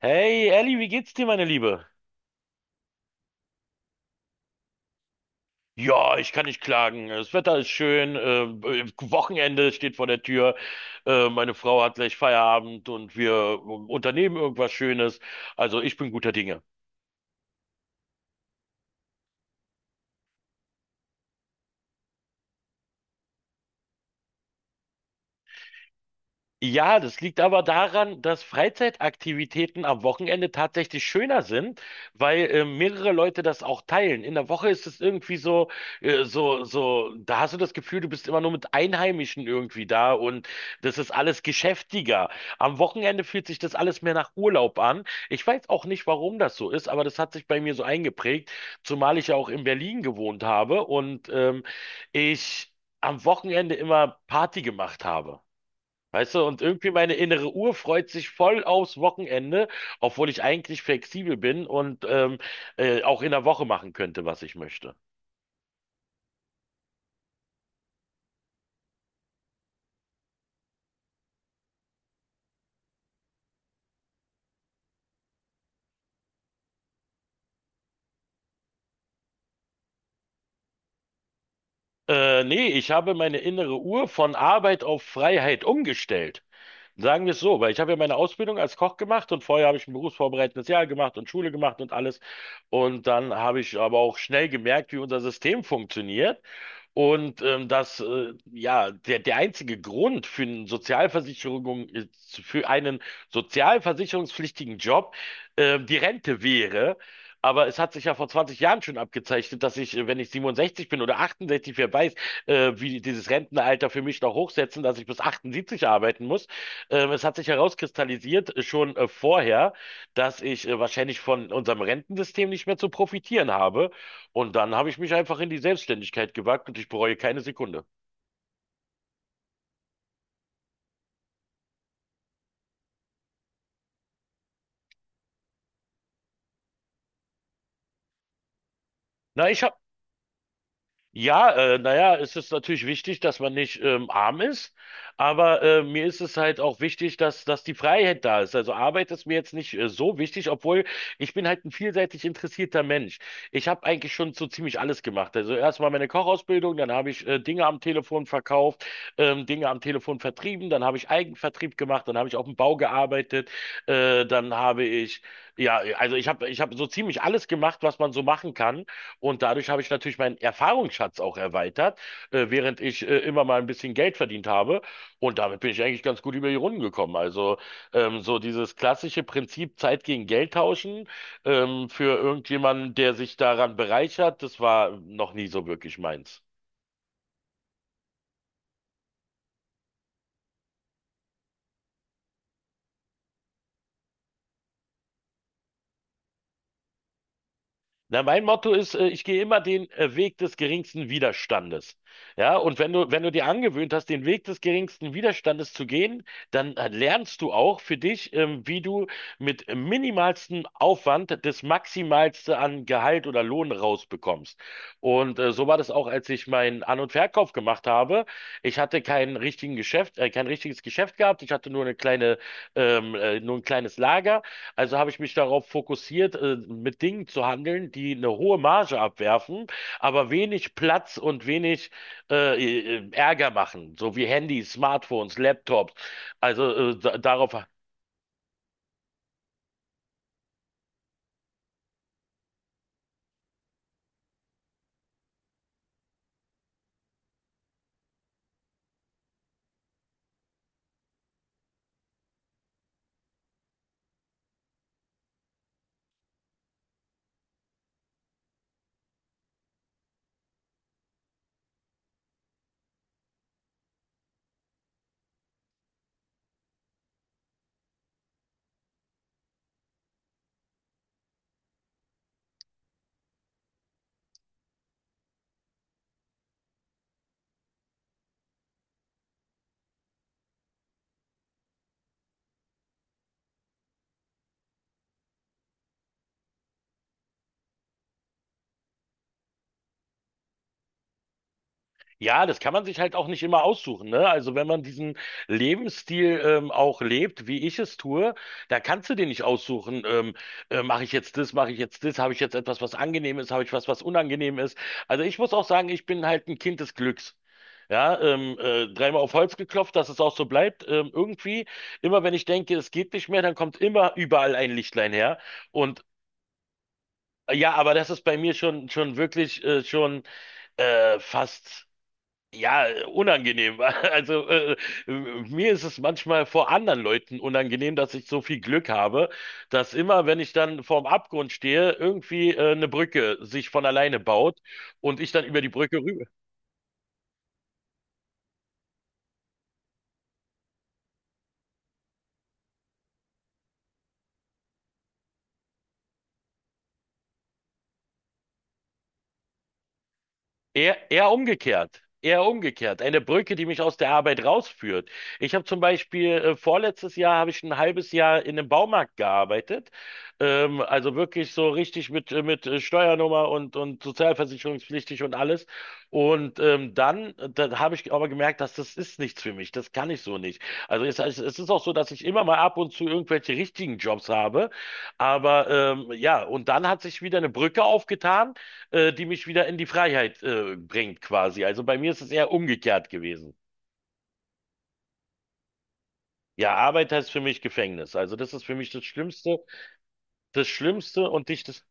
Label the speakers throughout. Speaker 1: Hey Elli, wie geht's dir, meine Liebe? Ja, ich kann nicht klagen. Das Wetter ist schön. Wochenende steht vor der Tür. Meine Frau hat gleich Feierabend und wir unternehmen irgendwas Schönes. Also ich bin guter Dinge. Ja, das liegt aber daran, dass Freizeitaktivitäten am Wochenende tatsächlich schöner sind, weil mehrere Leute das auch teilen. In der Woche ist es irgendwie so, da hast du das Gefühl, du bist immer nur mit Einheimischen irgendwie da und das ist alles geschäftiger. Am Wochenende fühlt sich das alles mehr nach Urlaub an. Ich weiß auch nicht, warum das so ist, aber das hat sich bei mir so eingeprägt, zumal ich ja auch in Berlin gewohnt habe und ich am Wochenende immer Party gemacht habe. Weißt du, und irgendwie meine innere Uhr freut sich voll aufs Wochenende, obwohl ich eigentlich flexibel bin und auch in der Woche machen könnte, was ich möchte. Nee, ich habe meine innere Uhr von Arbeit auf Freiheit umgestellt. Sagen wir es so, weil ich habe ja meine Ausbildung als Koch gemacht und vorher habe ich ein berufsvorbereitendes Jahr gemacht und Schule gemacht und alles. Und dann habe ich aber auch schnell gemerkt, wie unser System funktioniert. Und dass ja der einzige Grund für eine Sozialversicherung, ist- für einen sozialversicherungspflichtigen Job die Rente wäre. Aber es hat sich ja vor 20 Jahren schon abgezeichnet, dass wenn ich 67 bin oder 68, wer weiß, wie dieses Rentenalter für mich noch hochsetzen, dass ich bis 78 arbeiten muss. Es hat sich herauskristallisiert, schon vorher, dass ich wahrscheinlich von unserem Rentensystem nicht mehr zu profitieren habe. Und dann habe ich mich einfach in die Selbstständigkeit gewagt und ich bereue keine Sekunde. Na, ich habe Ja, naja, es ist natürlich wichtig, dass man nicht arm ist, aber mir ist es halt auch wichtig, dass die Freiheit da ist. Also Arbeit ist mir jetzt nicht so wichtig, obwohl ich bin halt ein vielseitig interessierter Mensch. Ich habe eigentlich schon so ziemlich alles gemacht. Also erstmal meine Kochausbildung, dann habe ich Dinge am Telefon verkauft, Dinge am Telefon vertrieben, dann habe ich Eigenvertrieb gemacht, dann habe ich auf dem Bau gearbeitet, äh, dann habe ich, ja, also ich hab so ziemlich alles gemacht, was man so machen kann. Und dadurch habe ich natürlich meinen Erfahrungsschatz auch erweitert, während ich immer mal ein bisschen Geld verdient habe. Und damit bin ich eigentlich ganz gut über die Runden gekommen. Also so dieses klassische Prinzip Zeit gegen Geld tauschen für irgendjemanden, der sich daran bereichert, das war noch nie so wirklich meins. Na, mein Motto ist, ich gehe immer den Weg des geringsten Widerstandes. Ja, und wenn du dir angewöhnt hast, den Weg des geringsten Widerstandes zu gehen, dann lernst du auch für dich, wie du mit minimalstem Aufwand das Maximalste an Gehalt oder Lohn rausbekommst. Und so war das auch, als ich meinen An- und Verkauf gemacht habe. Ich hatte keinen richtigen Geschäft, Kein richtiges Geschäft gehabt. Ich hatte nur nur ein kleines Lager. Also habe ich mich darauf fokussiert, mit Dingen zu handeln, die eine hohe Marge abwerfen, aber wenig Platz und wenig Ärger machen, so wie Handys, Smartphones, Laptops. Also da, darauf Ja, das kann man sich halt auch nicht immer aussuchen, ne? Also wenn man diesen Lebensstil auch lebt, wie ich es tue, da kannst du dir nicht aussuchen, mache ich jetzt das, mache ich jetzt das, habe ich jetzt etwas, was angenehm ist, habe ich was, was unangenehm ist. Also ich muss auch sagen, ich bin halt ein Kind des Glücks. Ja, dreimal auf Holz geklopft, dass es auch so bleibt. Irgendwie, immer wenn ich denke, es geht nicht mehr, dann kommt immer überall ein Lichtlein her. Und ja, aber das ist bei mir schon wirklich, schon fast. Ja, unangenehm. Also mir ist es manchmal vor anderen Leuten unangenehm, dass ich so viel Glück habe, dass immer, wenn ich dann vorm Abgrund stehe, irgendwie eine Brücke sich von alleine baut und ich dann über die Brücke eher umgekehrt. Eher umgekehrt. Eine Brücke, die mich aus der Arbeit rausführt. Ich habe zum Beispiel vorletztes Jahr habe ich ein halbes Jahr in einem Baumarkt gearbeitet. Also wirklich so richtig mit Steuernummer und sozialversicherungspflichtig und alles. Und da habe ich aber gemerkt, dass das ist nichts für mich. Das kann ich so nicht. Also es es ist auch so, dass ich immer mal ab und zu irgendwelche richtigen Jobs habe. Aber ja, und dann hat sich wieder eine Brücke aufgetan die mich wieder in die Freiheit bringt quasi. Also bei mir ist es eher umgekehrt gewesen. Ja, Arbeit heißt für mich Gefängnis. Also das ist für mich das Schlimmste und dich das.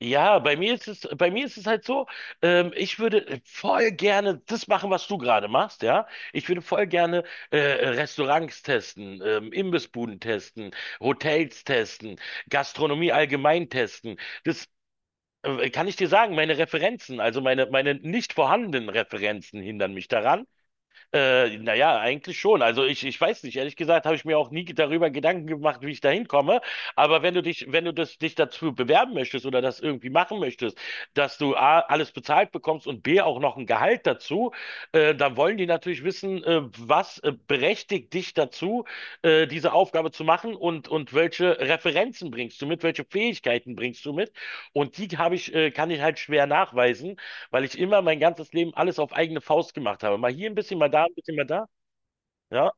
Speaker 1: Ja, bei mir ist es halt so, ich würde voll gerne das machen, was du gerade machst, ja. Ich würde voll gerne Restaurants testen, Imbissbuden testen, Hotels testen, Gastronomie allgemein testen. Das kann ich dir sagen, meine Referenzen, also meine nicht vorhandenen Referenzen hindern mich daran. Naja, eigentlich schon. Also ich weiß nicht, ehrlich gesagt habe ich mir auch nie darüber Gedanken gemacht, wie ich da hinkomme. Aber wenn du dich dazu bewerben möchtest oder das irgendwie machen möchtest, dass du A, alles bezahlt bekommst und B, auch noch ein Gehalt dazu, dann wollen die natürlich wissen, was berechtigt dich dazu, diese Aufgabe zu machen und welche Referenzen bringst du mit, welche Fähigkeiten bringst du mit. Und die habe ich, kann ich halt schwer nachweisen, weil ich immer mein ganzes Leben alles auf eigene Faust gemacht habe. Mal hier ein bisschen, mal da, ein bisschen, mal da. Ja,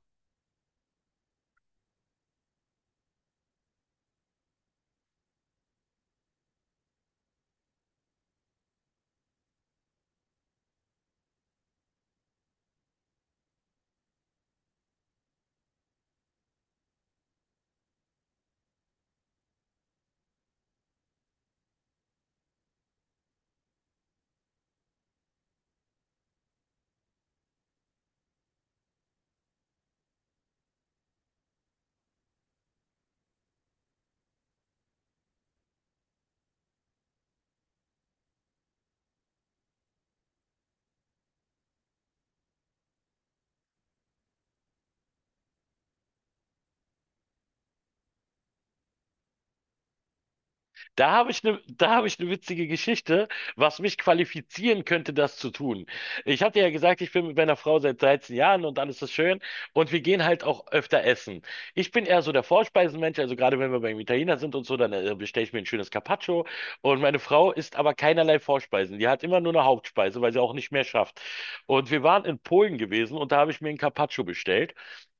Speaker 1: da habe ich eine witzige Geschichte, was mich qualifizieren könnte, das zu tun. Ich hatte ja gesagt, ich bin mit meiner Frau seit 13 Jahren und alles ist schön und wir gehen halt auch öfter essen. Ich bin eher so der Vorspeisenmensch, also gerade wenn wir beim Italiener sind und so, dann bestelle ich mir ein schönes Carpaccio und meine Frau isst aber keinerlei Vorspeisen. Die hat immer nur eine Hauptspeise, weil sie auch nicht mehr schafft. Und wir waren in Polen gewesen und da habe ich mir ein Carpaccio bestellt.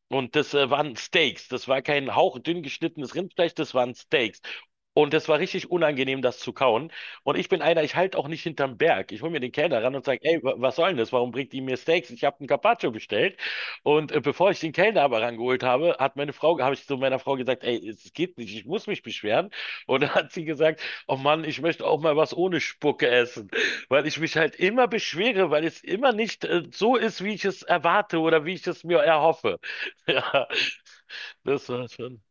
Speaker 1: Und das waren Steaks. Das war kein hauchdünn geschnittenes Rindfleisch, das waren Steaks. Und das war richtig unangenehm, das zu kauen. Und ich bin einer, ich halte auch nicht hinterm Berg. Ich hole mir den Kellner ran und sage, ey, was soll denn das? Warum bringt die mir Steaks? Ich habe einen Carpaccio bestellt. Und bevor ich den Kellner aber rangeholt habe, habe ich zu meiner Frau gesagt, ey, es geht nicht, ich muss mich beschweren. Und dann hat sie gesagt, oh Mann, ich möchte auch mal was ohne Spucke essen. Weil ich mich halt immer beschwere, weil es immer nicht so ist, wie ich es erwarte oder wie ich es mir erhoffe. Ja, das war schon.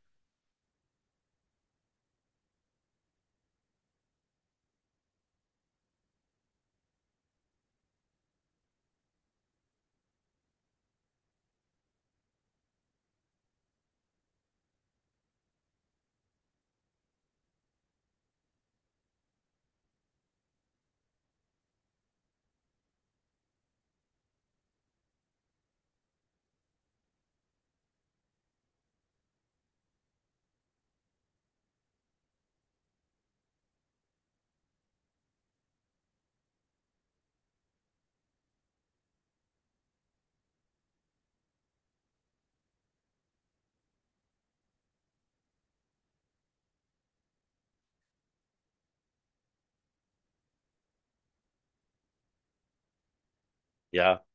Speaker 1: Ja.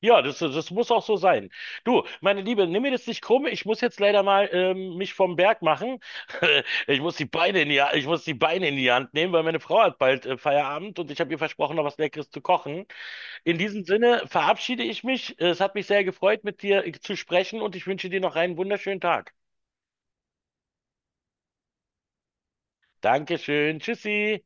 Speaker 1: Ja, das muss auch so sein. Du, meine Liebe, nimm mir das nicht krumm. Ich muss jetzt leider mal mich vom Berg machen. Ich muss die Beine in die, Ha- ich muss die Beine in die Hand nehmen, weil meine Frau hat bald Feierabend und ich habe ihr versprochen, noch was Leckeres zu kochen. In diesem Sinne verabschiede ich mich. Es hat mich sehr gefreut, mit dir zu sprechen und ich wünsche dir noch einen wunderschönen Tag. Dankeschön. Tschüssi.